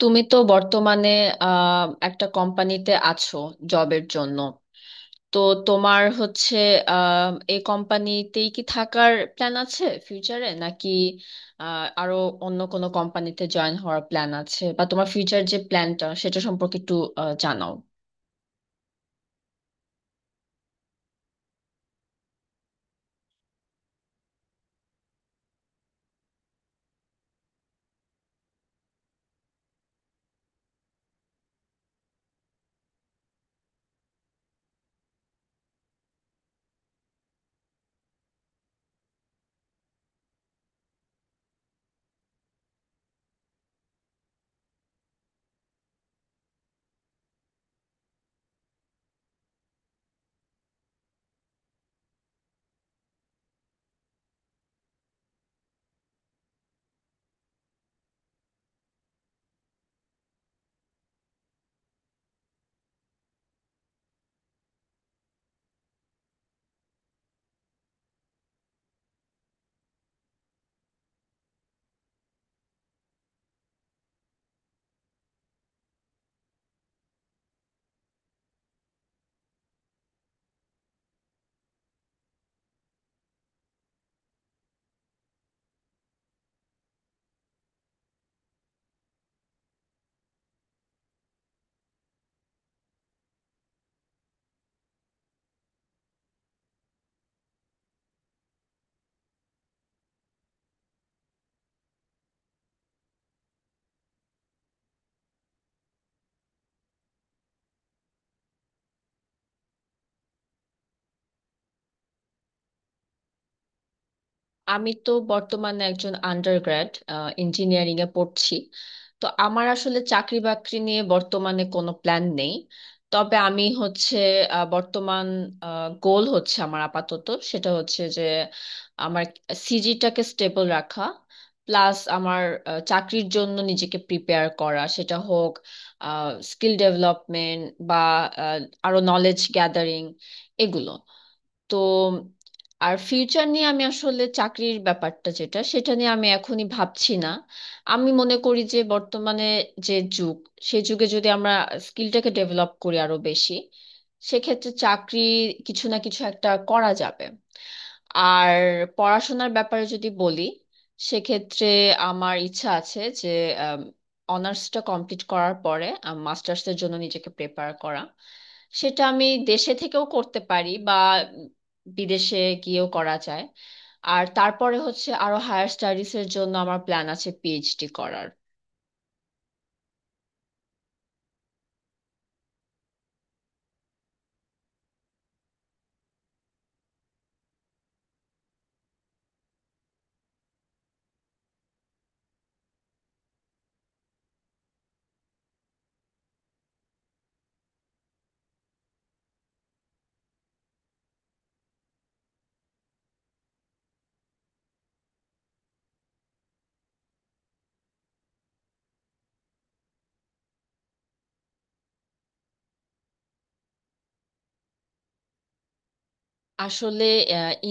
তুমি তো বর্তমানে আহ, একটা কোম্পানিতে আছো জবের জন্য। তো তোমার হচ্ছে এই কোম্পানিতেই কি থাকার প্ল্যান আছে ফিউচারে, নাকি আরো অন্য কোনো কোম্পানিতে জয়েন হওয়ার প্ল্যান আছে? বা তোমার ফিউচার যে প্ল্যানটা সেটা সম্পর্কে একটু জানাও। আমি তো বর্তমানে একজন আন্ডারগ্র্যাড ইঞ্জিনিয়ারিং এ পড়ছি। তো আমার আসলে চাকরি বাকরি নিয়ে বর্তমানে কোনো প্ল্যান নেই। তবে আমি হচ্ছে বর্তমান গোল হচ্ছে আমার আপাতত, সেটা হচ্ছে যে আমার সিজিটাকে স্টেবল রাখা, প্লাস আমার চাকরির জন্য নিজেকে প্রিপেয়ার করা, সেটা হোক স্কিল ডেভেলপমেন্ট বা আহ, আরো নলেজ গ্যাদারিং, এগুলো। তো আর ফিউচার নিয়ে আমি আসলে চাকরির ব্যাপারটা যেটা, সেটা নিয়ে আমি এখনই ভাবছি না। আমি মনে করি যে বর্তমানে যে যুগ, সে যুগে যদি আমরা স্কিলটাকে ডেভেলপ করি আরো বেশি, সেক্ষেত্রে চাকরি কিছু না কিছু একটা করা যাবে। আর পড়াশোনার ব্যাপারে যদি বলি, সেক্ষেত্রে আমার ইচ্ছা আছে যে অনার্সটা কমপ্লিট করার পরে মাস্টার্সের জন্য নিজেকে প্রেপার করা। সেটা আমি দেশে থেকেও করতে পারি বা বিদেশে গিয়েও করা যায়। আর তারপরে হচ্ছে আরো হায়ার স্টাডিজ এর জন্য আমার প্ল্যান আছে পিএইচডি করার। আসলে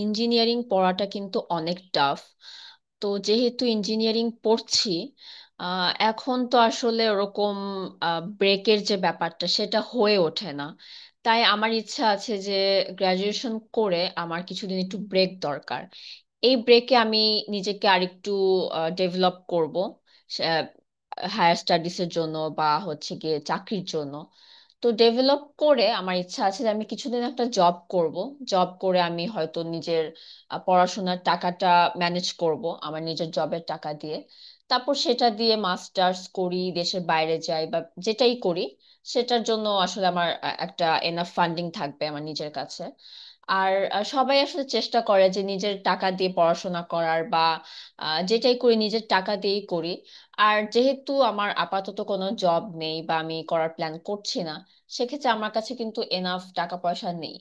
ইঞ্জিনিয়ারিং পড়াটা কিন্তু অনেক টাফ। তো যেহেতু ইঞ্জিনিয়ারিং পড়ছি, এখন তো আসলে ওরকম ব্রেকের যে ব্যাপারটা সেটা হয়ে ওঠে না। তাই আমার ইচ্ছা আছে যে গ্রাজুয়েশন করে আমার কিছুদিন একটু ব্রেক দরকার। এই ব্রেকে আমি নিজেকে আরেকটু ডেভেলপ করব হায়ার স্টাডিজের জন্য বা হচ্ছে গিয়ে চাকরির জন্য। তো ডেভেলপ করে আমার ইচ্ছা আছে যে আমি কিছুদিন একটা জব করব। জব করে আমি হয়তো নিজের পড়াশোনার টাকাটা ম্যানেজ করব আমার নিজের জবের টাকা দিয়ে। তারপর সেটা দিয়ে মাস্টার্স করি, দেশের বাইরে যাই, বা যেটাই করি সেটার জন্য আসলে আমার একটা এনাফ ফান্ডিং থাকবে আমার নিজের কাছে। আর সবাই আসলে চেষ্টা করে যে নিজের টাকা দিয়ে পড়াশোনা করার বা যেটাই করি নিজের টাকা দিয়েই করি। আর যেহেতু আমার আপাতত কোনো জব নেই বা আমি করার প্ল্যান করছি না, সেক্ষেত্রে আমার কাছে কিন্তু এনাফ টাকা পয়সা নেই।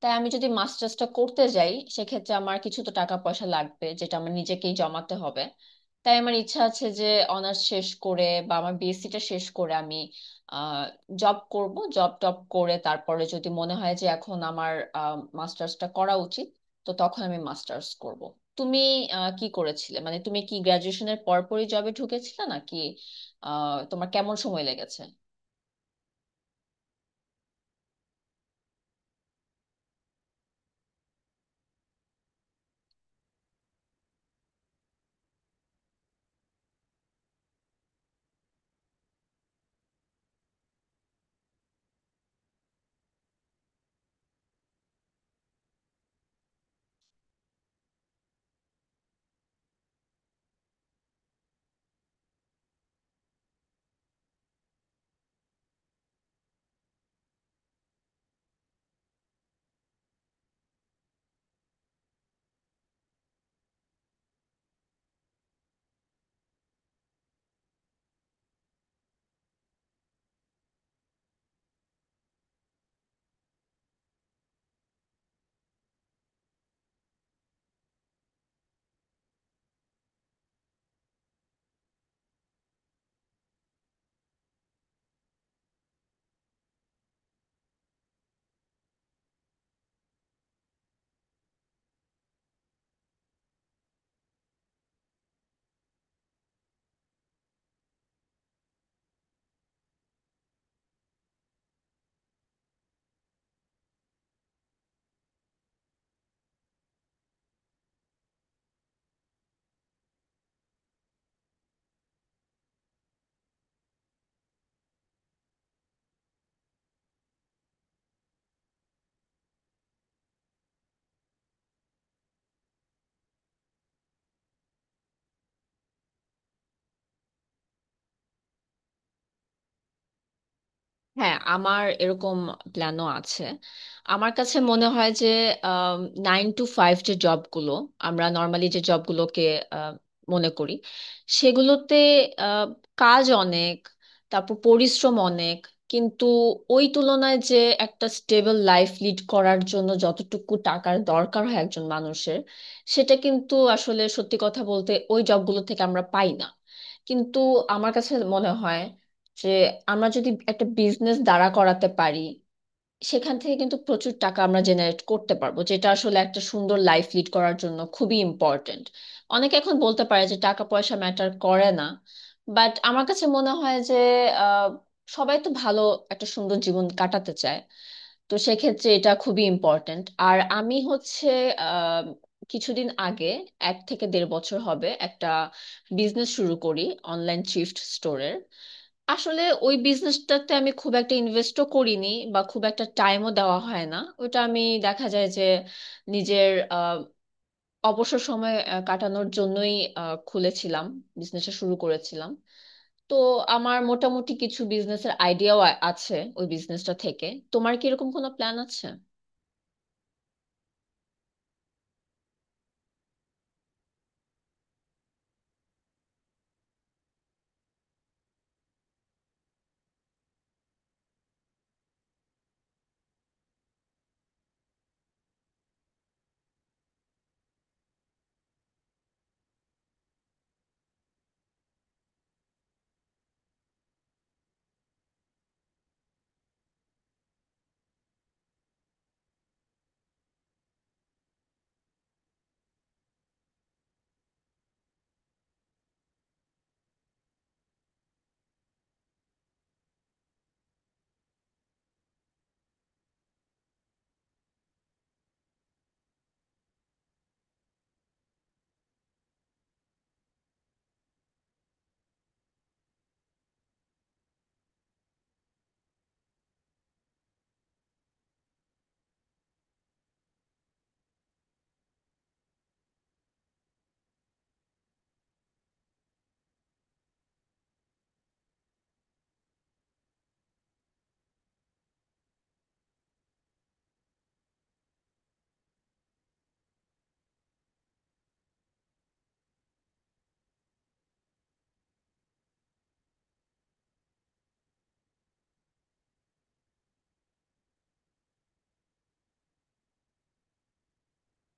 তাই আমি যদি মাস্টার্সটা করতে যাই সেক্ষেত্রে আমার কিছু তো টাকা পয়সা লাগবে, যেটা আমার নিজেকেই জমাতে হবে। তাই আমার ইচ্ছা আছে যে অনার্স শেষ করে বা আমার বিএসসিটা শেষ করে আমি আহ জব করব, জব টব করে তারপরে যদি মনে হয় যে এখন আমার মাস্টার্সটা করা উচিত, তো তখন আমি মাস্টার্স করব। তুমি কি করেছিলে, মানে তুমি কি গ্রাজুয়েশনের পরপরই জবে ঢুকেছিলে নাকি তোমার কেমন সময় লেগেছে? হ্যাঁ, আমার এরকম প্ল্যানও আছে। আমার কাছে মনে হয় যে নাইন টু ফাইভ যে জবগুলো, আমরা নর্মালি যে জবগুলোকে আহ, মনে করি, সেগুলোতে আহ, কাজ অনেক, তারপর পরিশ্রম অনেক, কিন্তু ওই তুলনায় যে একটা স্টেবল লাইফ লিড করার জন্য যতটুকু টাকার দরকার হয় একজন মানুষের, সেটা কিন্তু আসলে সত্যি কথা বলতে ওই জবগুলো থেকে আমরা পাই না। কিন্তু আমার কাছে মনে হয় যে আমরা যদি একটা বিজনেস দাঁড়া করাতে পারি, সেখান থেকে কিন্তু প্রচুর টাকা আমরা জেনারেট করতে পারবো, যেটা আসলে একটা সুন্দর লাইফ লিড করার জন্য খুবই ইম্পর্ট্যান্ট। অনেকে এখন বলতে পারে যে টাকা পয়সা ম্যাটার করে না, বাট আমার কাছে মনে হয় যে আহ, সবাই তো ভালো একটা সুন্দর জীবন কাটাতে চায়। তো সেক্ষেত্রে এটা খুবই ইম্পর্ট্যান্ট। আর আমি হচ্ছে আহ, কিছুদিন আগে, এক থেকে দেড় বছর হবে, একটা বিজনেস শুরু করি, অনলাইন থ্রিফ্ট স্টোরের। আসলে ওই বিজনেসটাতে আমি খুব একটা ইনভেস্টও করিনি বা খুব একটা টাইমও দেওয়া হয় না। ওটা আমি, দেখা যায় যে, নিজের অবসর সময় কাটানোর জন্যই খুলেছিলাম, বিজনেসটা শুরু করেছিলাম। তো আমার মোটামুটি কিছু বিজনেসের আইডিয়াও আছে ওই বিজনেসটা থেকে। তোমার কি এরকম কোনো প্ল্যান আছে?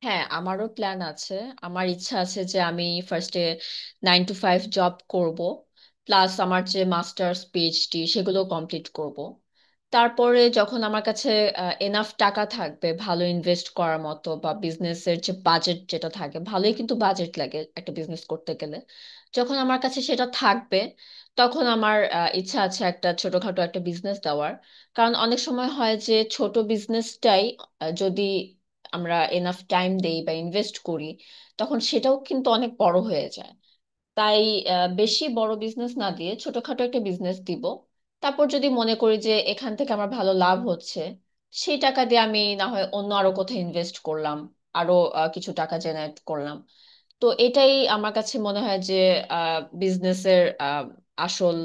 হ্যাঁ, আমারও প্ল্যান আছে। আমার ইচ্ছা আছে যে আমি ফার্স্টে নাইন টু ফাইভ জব করব, প্লাস আমার যে মাস্টার্স পিএইচডি সেগুলো কমপ্লিট করব। তারপরে যখন আমার কাছে এনাফ টাকা থাকবে ভালো ইনভেস্ট করার মতো, বা বিজনেসের যে বাজেট, যেটা থাকে ভালোই কিন্তু বাজেট লাগে একটা বিজনেস করতে গেলে, যখন আমার কাছে সেটা থাকবে তখন আমার ইচ্ছা আছে একটা ছোটখাটো একটা বিজনেস দেওয়ার। কারণ অনেক সময় হয় যে ছোট বিজনেসটাই যদি আমরা এনাফ টাইম দেই বা ইনভেস্ট করি, তখন সেটাও কিন্তু অনেক বড় হয়ে যায়। তাই বেশি বড় বিজনেস না দিয়ে ছোটখাটো একটা বিজনেস দিব। তারপর যদি মনে করি যে এখান থেকে আমার ভালো লাভ হচ্ছে, সেই টাকা দিয়ে আমি না হয় অন্য আরো কোথাও ইনভেস্ট করলাম, আরো কিছু টাকা জেনারেট করলাম। তো এটাই আমার কাছে মনে হয় যে বিজনেসের আসল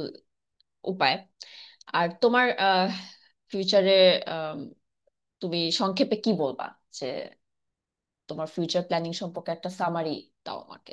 উপায়। আর তোমার ফিউচারে তুমি সংক্ষেপে কি বলবা, যে তোমার ফিউচার প্ল্যানিং সম্পর্কে একটা সামারি দাও আমাকে।